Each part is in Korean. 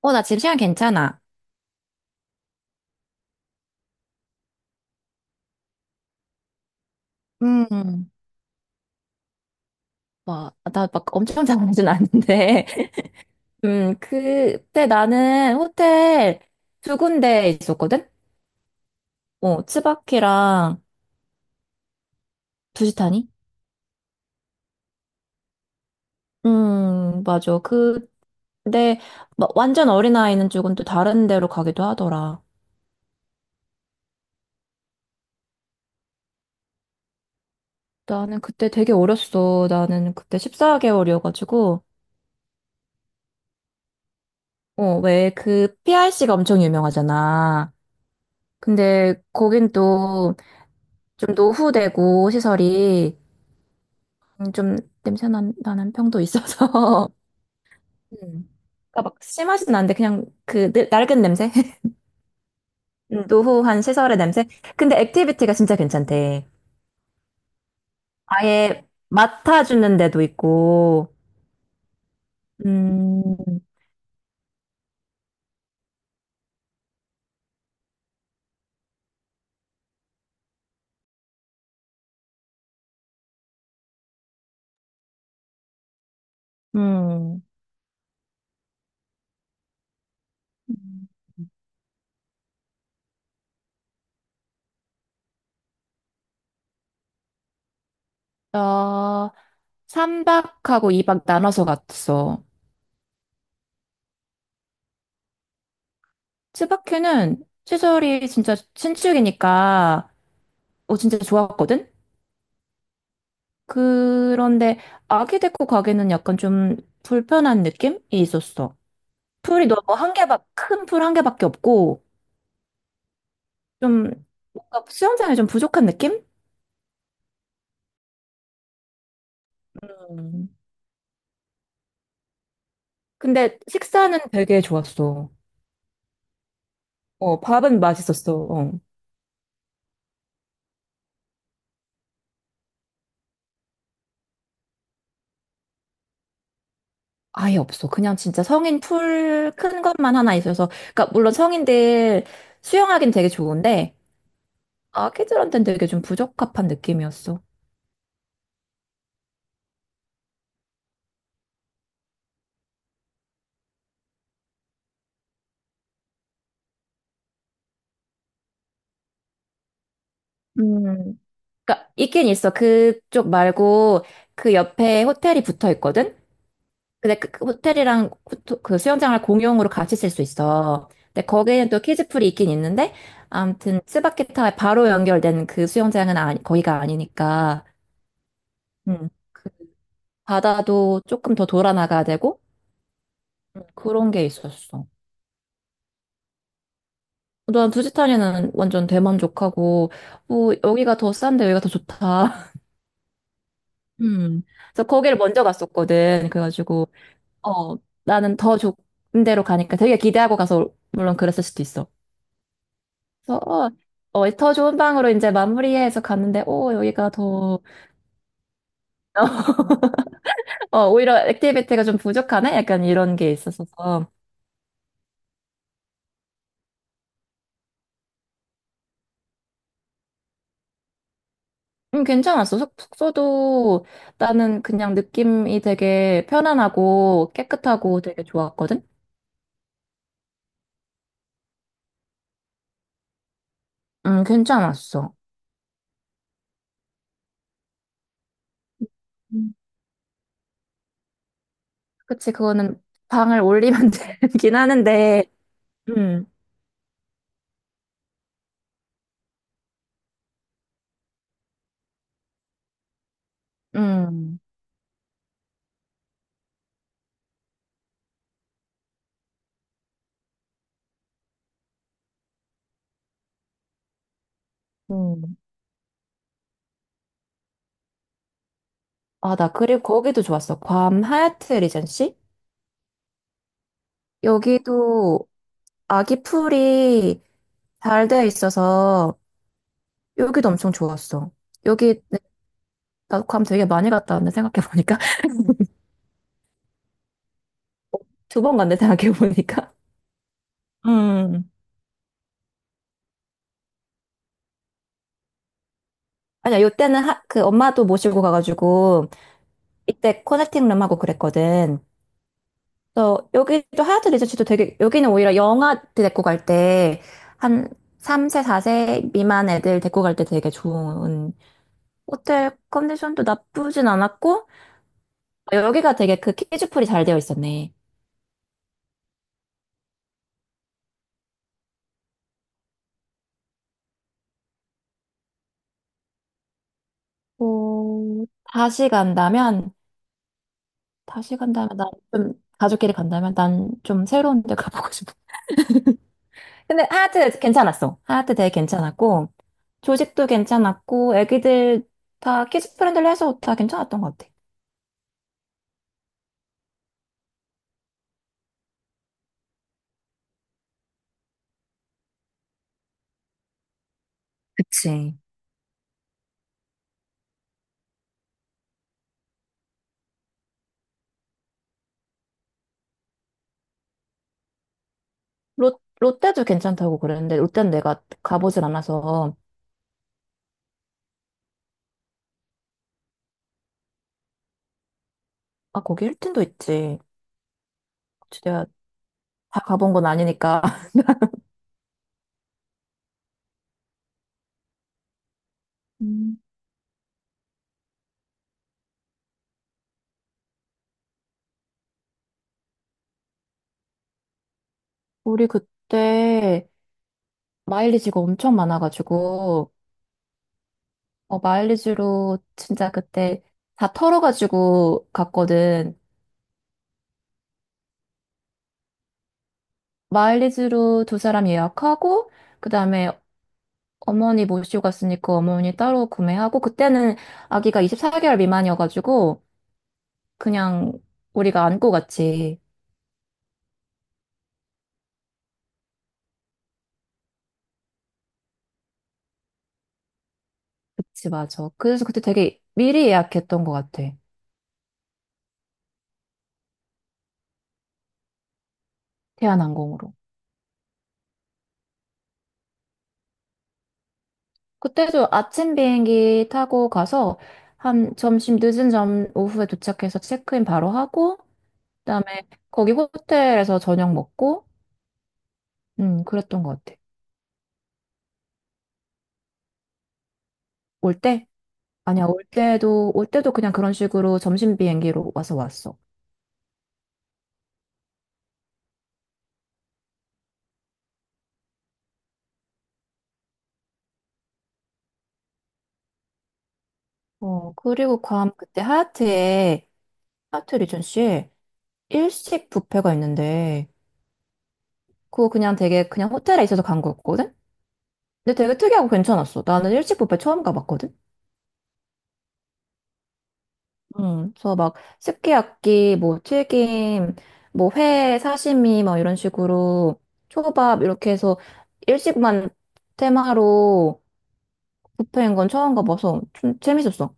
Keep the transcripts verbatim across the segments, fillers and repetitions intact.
어, 나 지금 시간 괜찮아. 음, 뭐, 나 막 엄청 잘하진 않는데. 음, 그때 나는 호텔 두 군데 있었거든? 어, 츠바키랑 두시타니? 음, 맞아. 그, 근데 막 완전 어린아이는 조금 또 다른 데로 가기도 하더라. 나는 그때 되게 어렸어. 나는 그때 십사 개월이어가지고. 어, 왜 그 피아르시가 엄청 유명하잖아. 근데 거긴 또 좀 노후되고 시설이 음, 좀 냄새 난, 나는 평도 있어서. 음. 그러니까 막 심하진 않은데 그냥 그 늙- 낡은 냄새? 음, 노후한 시설의 냄새? 근데 액티비티가 진짜 괜찮대. 아예 맡아주는 데도 있고. 음, 음. 나 삼 박하고 이 박 나눠서 갔어. 츠바큐는 시설이 진짜 신축이니까 어, 진짜 좋았거든? 그런데 아기 데리고 가기는 약간 좀 불편한 느낌이 있었어. 풀이 너무 한 개밖, 큰 풀 한 개밖에 없고, 좀 뭔가 수영장이 좀 부족한 느낌? 음. 근데 식사는 되게 좋았어. 어, 밥은 맛있었어. 어. 아예 없어. 그냥 진짜 성인 풀 큰 것만 하나 있어서. 그러니까 물론 성인들 수영하기는 되게 좋은데, 아기들한테는 되게 좀 부적합한 느낌이었어. 음. 그러니까 있긴 있어. 그쪽 말고 그 옆에 호텔이 붙어 있거든. 근데 그, 그 호텔이랑 호- 그 수영장을 공용으로 같이 쓸 수 있어. 근데 거기는 또 키즈풀이 있긴 있는데 아무튼 스바키타에 바로 연결된 그 수영장은 아니, 거기가 아니니까 음, 그 바다도 조금 더 돌아 나가야 되고 음, 그런 게 있었어. 난 부지타니는 완전 대만족하고 뭐 여기가 더 싼데 여기가 더 좋다. 음. 그래서 거기를 먼저 갔었거든. 그래가지고 어, 나는 더 좋은 데로 가니까 되게 기대하고 가서 물론 그랬을 수도 있어. 그래서 어, 어, 더 좋은 방으로 이제 마무리해서 갔는데 오 여기가 더 어, 오히려 액티비티가 좀 부족하네? 약간 이런 게 있었어서. 음, 괜찮았어. 숙, 숙소도 나는 그냥 느낌이 되게 편안하고 깨끗하고 되게 좋았거든? 음, 괜찮았어. 음. 그치, 그거는 방을 올리면 되긴 하는데, 음, 음. 음. 아, 나 그리고 거기도 좋았어. 괌 하얏트 리젠시? 여기도 아기 풀이 잘 돼 있어서 여기도 엄청 좋았어. 여기 나 괌 되게 많이 갔다 왔는데 생각해보니까. 두 번 갔네 생각해보니까. 음. 아니야, 요때는 하, 그 엄마도 모시고 가가지고 이때 커넥팅 룸하고 그랬거든. 그래서 여기도 하얏트 리젠시도 되게 여기는 오히려 영아 때 데리고 갈 때 한 삼 세, 사 세 미만 애들 데리고 갈 때 되게 좋은 호텔 컨디션도 나쁘진 않았고, 여기가 되게 그 키즈풀이 잘 되어 있었네. 어, 다시 간다면, 다시 간다면 난 좀, 가족끼리 간다면 난 좀 새로운 데 가보고 싶어. 근데 하얏트 괜찮았어. 하얏트 되게 괜찮았고, 조식도 괜찮았고, 애기들 다 키즈 프렌들리 해서 다 괜찮았던 것 같아. 그치. 롯, 롯데도 괜찮다고 그랬는데, 롯데는 내가 가보질 않아서, 아, 거기 힐튼도 있지. 혹시 내가 다 가본 건 아니니까. 음. 우리 그때 마일리지가 엄청 많아가지고, 어, 마일리지로 진짜 그때 다 털어가지고 갔거든. 마일리지로 두 사람 예약하고, 그 다음에 어머니 모시고 갔으니까 어머니 따로 구매하고, 그때는 아기가 이십사 개월 미만이어가지고, 그냥 우리가 안고 갔지. 그치, 맞아. 그래서 그때 되게 미리 예약했던 것 같아. 대한항공으로. 그때도 아침 비행기 타고 가서 한 점심 늦은 점 오후에 도착해서 체크인 바로 하고 그다음에 거기 호텔에서 저녁 먹고 음 그랬던 것 같아. 올 때? 아니야 올 때도 올 때도 그냥 그런 식으로 점심 비행기로 와서 왔어. 어 그리고 괌 그때 하얏트에 하얏트 리전시에 일식 뷔페가 있는데 그거 그냥 되게 그냥 호텔에 있어서 간 거였거든? 근데 되게 특이하고 괜찮았어. 나는 일식 뷔페 처음 가봤거든. 음, 그래서 막스케야키 뭐 튀김, 뭐 회 사시미 막 이런 식으로 초밥 이렇게 해서 일식만 테마로 뷔페인 건 처음 가봐서 좀 재밌었어.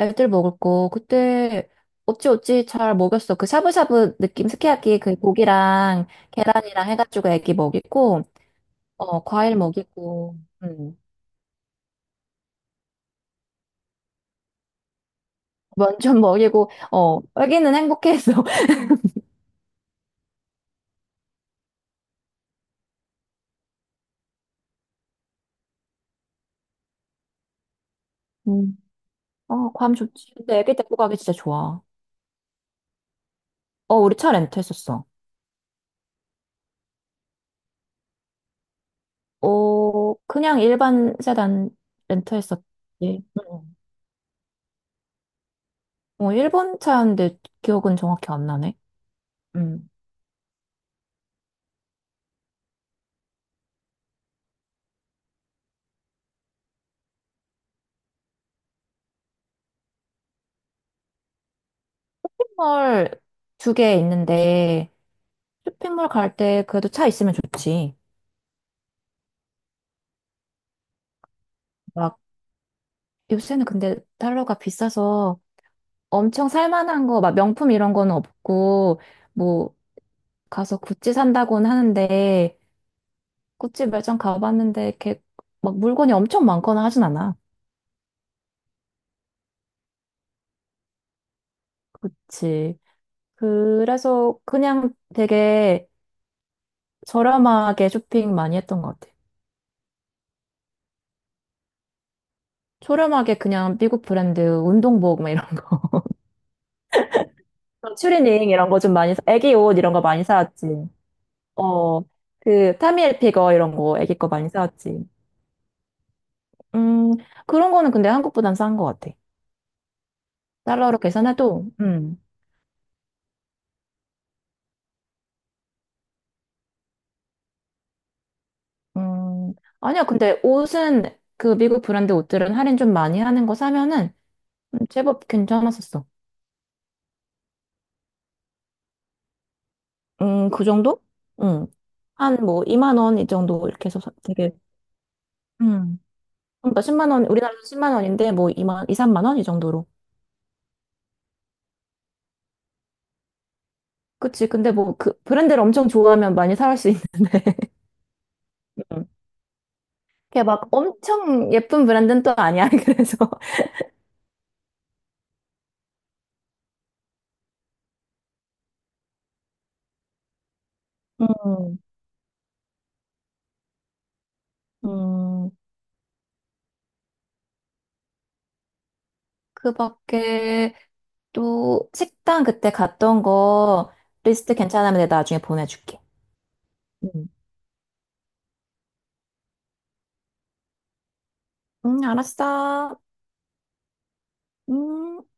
애들 먹을 거 그때 어찌어찌 잘 먹였어. 그 샤브샤브 느낌 스키야키 그 고기랑 계란이랑 해가지고 애기 먹이고 어 과일 먹이고 음. 면좀 먹이고 어 애기는 행복해했어. 음. 어, 괌 좋지. 근데 애기 데리고 가기 진짜 좋아. 어, 우리 차 렌트했었어. 어, 그냥 일반 세단 렌트했었지. 응. 어, 일본 차인데 기억은 정확히 안 나네. 음. 쇼핑몰 두 개 있는데, 쇼핑몰 갈 때 그래도 차 있으면 좋지. 막, 요새는 근데 달러가 비싸서 엄청 살만한 거, 막 명품 이런 거는 없고, 뭐, 가서 구찌 산다고는 하는데, 구찌 매장 가봤는데, 이렇게 막 물건이 엄청 많거나 하진 않아. 그치. 그래서 그냥 되게 저렴하게 쇼핑 많이 했던 것 같아요. 저렴하게 그냥 미국 브랜드 운동복 막 이런 거. 그런 추리닝 이런 거 좀 많이 사, 애기 옷 이런 거 많이 사왔지. 어, 그 타미엘피거 이런 거 애기 거 많이 사왔지. 음, 그런 거는 근데 한국보단 싼 것 같아. 달러로 계산해도, 음, 음, 아니야. 근데 옷은 그 미국 브랜드 옷들은 할인 좀 많이 하는 거 사면은 음, 제법 괜찮았었어. 음, 그 정도? 응. 한 뭐 이만 원 이 정도 이렇게 해서 사- 되게 음. 그러니까 만원 우리나라에서 십만 원인데 뭐 이만 이 삼만 원 이 정도로. 그치. 근데 뭐 그 브랜드를 엄청 좋아하면 많이 살 수 있는. 음. 그게 막 엄청 예쁜 브랜드는 또 아니야. 그래서 음. 음. 그밖에 또 식당 그때 갔던 거 리스트 괜찮으면 내가 나중에 보내줄게. 음. 음, 알았어. 음.